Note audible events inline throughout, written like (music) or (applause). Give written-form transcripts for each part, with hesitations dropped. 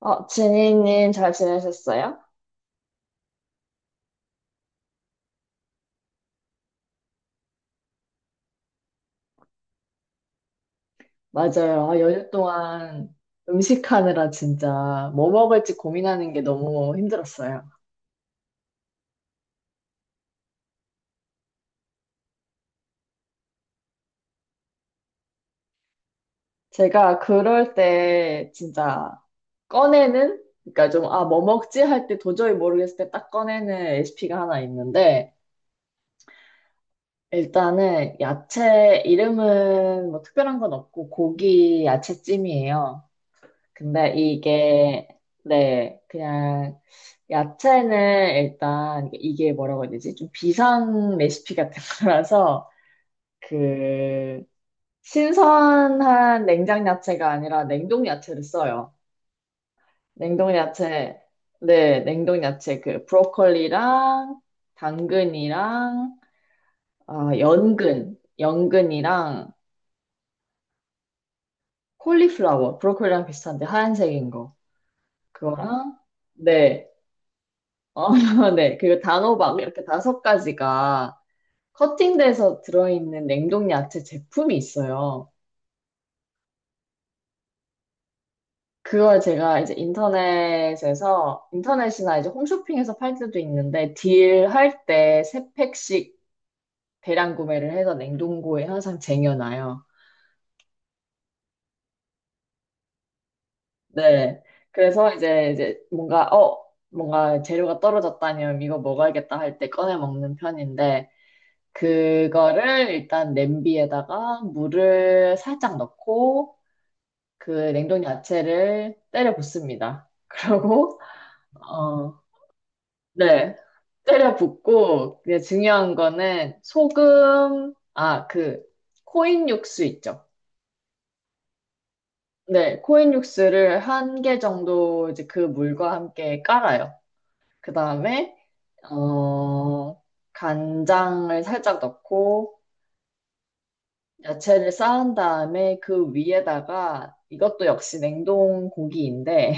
어, 지니님 잘 지내셨어요? 맞아요. 아, 연휴 동안 음식하느라 진짜 뭐 먹을지 고민하는 게 너무 힘들었어요. 제가 그럴 때 진짜 꺼내는? 그러니까 좀, 아, 뭐 먹지? 할 때 도저히 모르겠을 때 딱 꺼내는 레시피가 하나 있는데, 일단은 야채 이름은 뭐 특별한 건 없고 고기 야채찜이에요. 근데 이게, 네, 그냥, 야채는 일단, 이게 뭐라고 해야 되지? 좀 비상 레시피 같은 (laughs) 거라서, 그, 신선한 냉장 야채가 아니라 냉동 야채를 써요. 냉동 야채, 네, 냉동 야채, 그, 브로콜리랑, 당근이랑, 아, 연근, 연근이랑, 콜리플라워, 브로콜리랑 비슷한데 하얀색인 거. 그거랑, 네. 어, (laughs) 네. 그리고 단호박 이렇게 다섯 가지가 커팅돼서 들어있는 냉동 야채 제품이 있어요. 그걸 제가 이제 인터넷이나 이제 홈쇼핑에서 팔 때도 있는데, 딜할 때 세 팩씩 대량 구매를 해서 냉동고에 항상 쟁여놔요. 네. 그래서 이제 뭔가, 뭔가 재료가 떨어졌다니 이거 먹어야겠다 할 때 꺼내 먹는 편인데, 그거를 일단 냄비에다가 물을 살짝 넣고 그 냉동 야채를 때려 붓습니다. (laughs) 그러고 어, 네. 때려 붓고 이제 중요한 거는 소금 아, 그 코인 육수 있죠. 네, 코인 육수를 한 개 정도 이제 그 물과 함께 깔아요. 그다음에 어, 간장을 살짝 넣고 야채를 쌓은 다음에 그 위에다가 이것도 역시 냉동 고기인데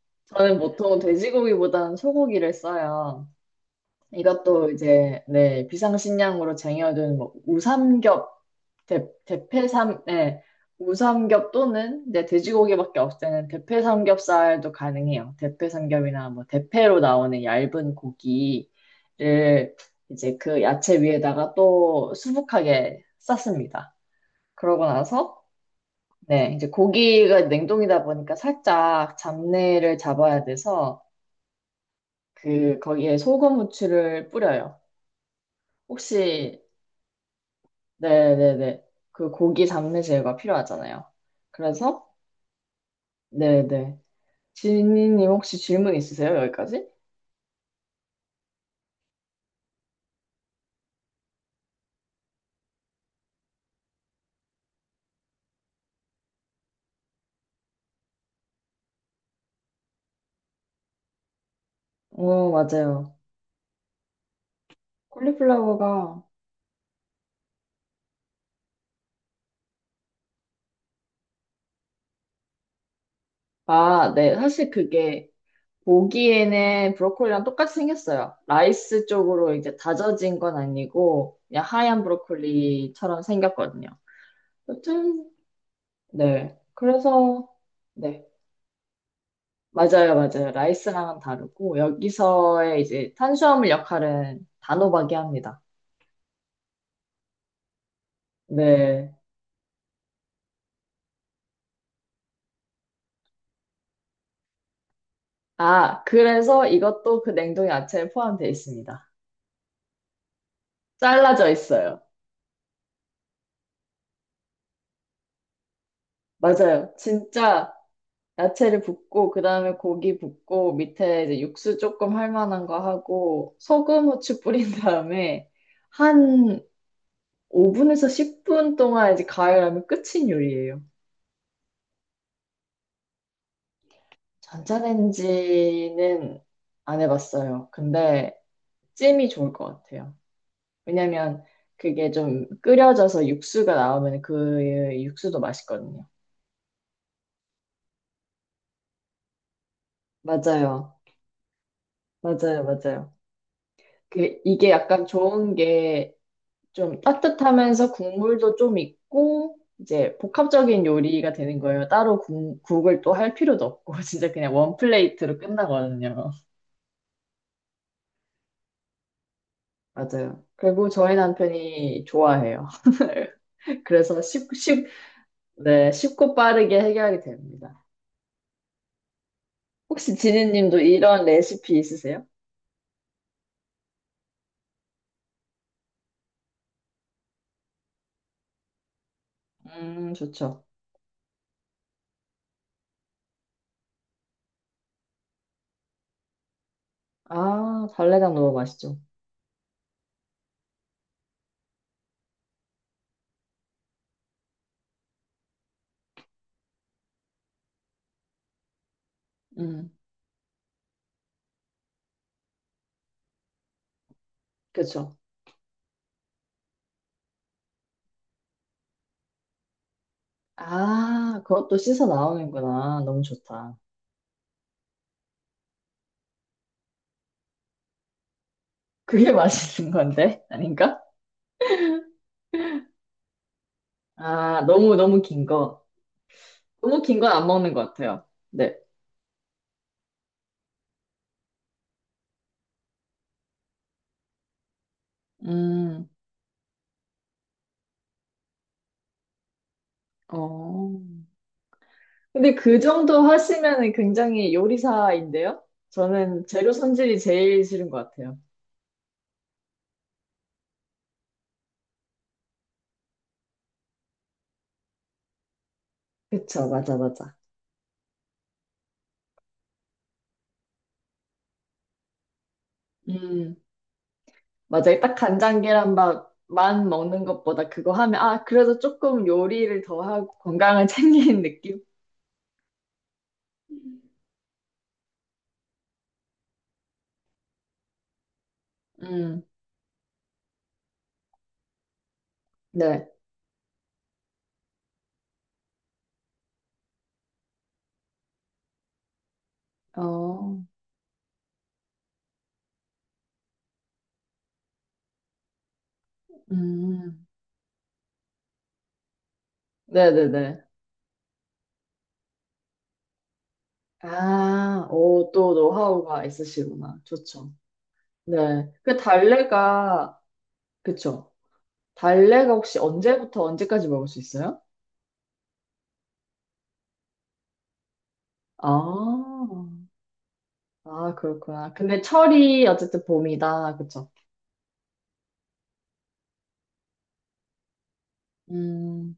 (laughs) 저는 보통 돼지고기보다는 소고기를 써요. 이것도 이제 네 비상식량으로 쟁여둔 뭐 우삼겹 대패삼 네 우삼겹 또는 네, 돼지고기밖에 없을 때는 대패삼겹살도 가능해요. 대패삼겹이나 뭐 대패로 나오는 얇은 고기를 이제 그 야채 위에다가 또 수북하게 쌌습니다. 그러고 나서 네, 이제 고기가 냉동이다 보니까 살짝 잡내를 잡아야 돼서 그 거기에 소금 후추를 뿌려요. 혹시 네네네 그 고기 잡내 제거가 필요하잖아요. 그래서 네네 지니님 혹시 질문 있으세요? 여기까지? 어 맞아요. 콜리플라워가 아 네 사실 그게 보기에는 브로콜리랑 똑같이 생겼어요. 라이스 쪽으로 이제 다져진 건 아니고 그냥 하얀 브로콜리처럼 생겼거든요. 여튼 네. 그래서, 네. 맞아요, 맞아요. 라이스랑은 다르고, 여기서의 이제 탄수화물 역할은 단호박이 합니다. 네. 아, 그래서 이것도 그 냉동 야채에 포함되어 있습니다. 잘라져 있어요. 맞아요. 진짜 야채를 붓고, 그 다음에 고기 붓고, 밑에 이제 육수 조금 할 만한 거 하고, 소금, 후추 뿌린 다음에, 한 5분에서 10분 동안 이제 가열하면 끝인 요리예요. 전자레인지는 안 해봤어요. 근데 찜이 좋을 것 같아요. 왜냐면 그게 좀 끓여져서 육수가 나오면 그 육수도 맛있거든요. 맞아요. 맞아요. 그, 이게 약간 좋은 게 좀 따뜻하면서 국물도 좀 있고, 이제 복합적인 요리가 되는 거예요. 따로 국을 또 할 필요도 없고, (laughs) 진짜 그냥 원 플레이트로 끝나거든요. 맞아요. 그리고 저희 남편이 좋아해요. (laughs) 그래서 쉽, 네, 쉽고 빠르게 해결이 됩니다. 혹시 지니님도 이런 레시피 있으세요? 좋죠. 아, 달래장 너무 맛있죠. 음, 그쵸. 아, 그것도 씻어 나오는구나. 너무 좋다. 그게 (laughs) 맛있는 건데? 아닌가? 아, 너무 긴 거. 너무 긴 건 안 먹는 것 같아요. 네. 음, 어. 근데 그 정도 하시면은 굉장히 요리사인데요? 저는 재료 손질이 제일 싫은 것 같아요. 그쵸, 맞아, 맞아. 음. 맞아요. 딱 간장 계란밥만 먹는 것보다 그거 하면, 아, 그래도 조금 요리를 더 하고 건강을 (laughs) 챙기는 느낌? 음, 네. 어, 음, 네네네. 아, 오, 또 노하우가 있으시구나. 좋죠. 네. 그 달래가, 그쵸. 달래가 혹시 언제부터 언제까지 먹을 수 있어요? 아, 아, 그렇구나. 근데 철이 어쨌든 봄이다. 그쵸. 음,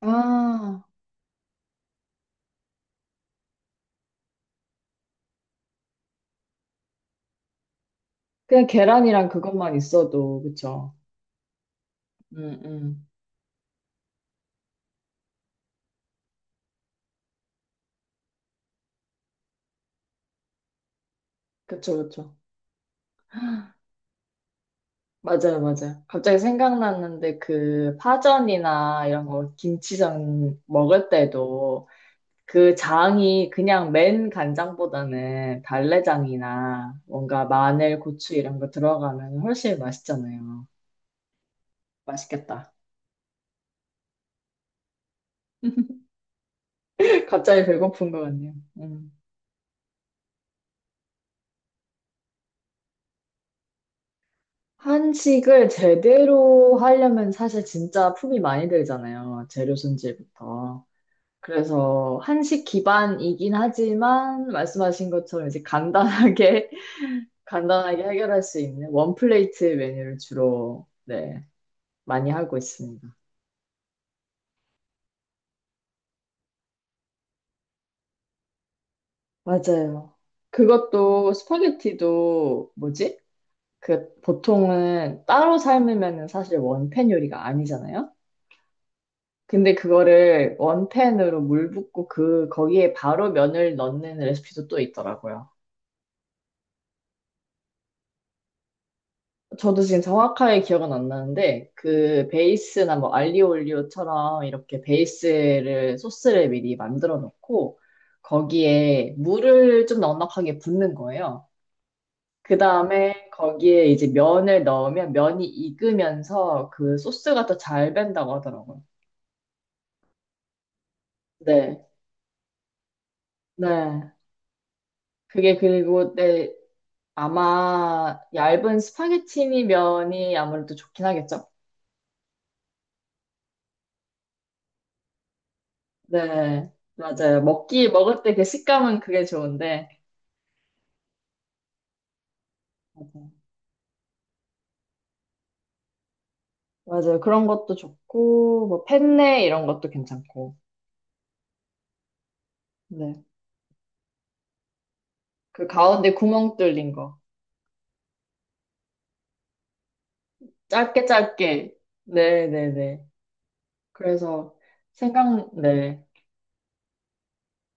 아. 그냥 계란이랑 그것만 있어도, 그쵸? 음, 음. 그쵸, 그쵸. 맞아요, 맞아요. 갑자기 생각났는데 그 파전이나 이런 거 김치전 먹을 때도 그 장이 그냥 맨 간장보다는 달래장이나 뭔가 마늘, 고추 이런 거 들어가면 훨씬 맛있잖아요. 맛있겠다. (laughs) 갑자기 배고픈 것 같네요. 음. 한식을 제대로 하려면 사실 진짜 품이 많이 들잖아요. 재료 손질부터. 그래서 한식 기반이긴 하지만 말씀하신 것처럼 이제 간단하게 (laughs) 간단하게 해결할 수 있는 원플레이트 메뉴를 주로 네, 많이 하고 있습니다. 맞아요. 그것도 스파게티도 뭐지? 그 보통은 따로 삶으면은 사실 원팬 요리가 아니잖아요. 근데 그거를 원팬으로 물 붓고 그 거기에 바로 면을 넣는 레시피도 또 있더라고요. 저도 지금 정확하게 기억은 안 나는데, 그 베이스나 뭐 알리오올리오처럼 이렇게 소스를 미리 만들어 놓고, 거기에 물을 좀 넉넉하게 붓는 거예요. 그 다음에 거기에 이제 면을 넣으면 면이 익으면서 그 소스가 더 잘 밴다고 하더라고요. 네. 네. 그게 그리고, 네. 아마 얇은 스파게티니 면이 아무래도 좋긴 하겠죠. 네, 맞아요. 먹을 때 그 식감은 그게 좋은데. 맞아요. 맞아요. 그런 것도 좋고, 뭐, 펜네 이런 것도 괜찮고. 네. 그 가운데 구멍 뚫린 거. 짧게 짧게. 네네네. 그래서 네.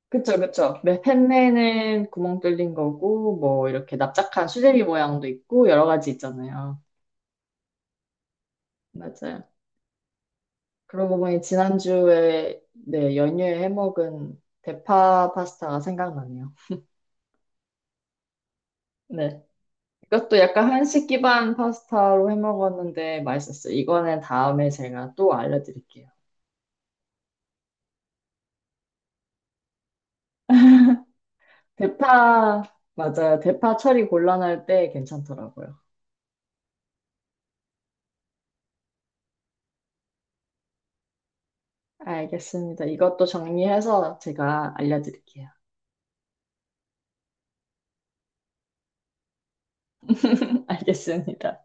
그쵸, 그쵸. 네, 펜네는 구멍 뚫린 거고, 뭐, 이렇게 납작한 수제비 모양도 있고, 여러 가지 있잖아요. 맞아요. 그러고 보니 지난주에, 네, 연휴에 해먹은 대파 파스타가 생각나네요. 네. 이것도 약간 한식 기반 파스타로 해 먹었는데 맛있었어요. 이거는 다음에 제가 또 알려드릴게요. 대파, 맞아요. 대파 처리 곤란할 때 괜찮더라고요. 알겠습니다. 이것도 정리해서 제가 알려드릴게요. (laughs) 알겠습니다.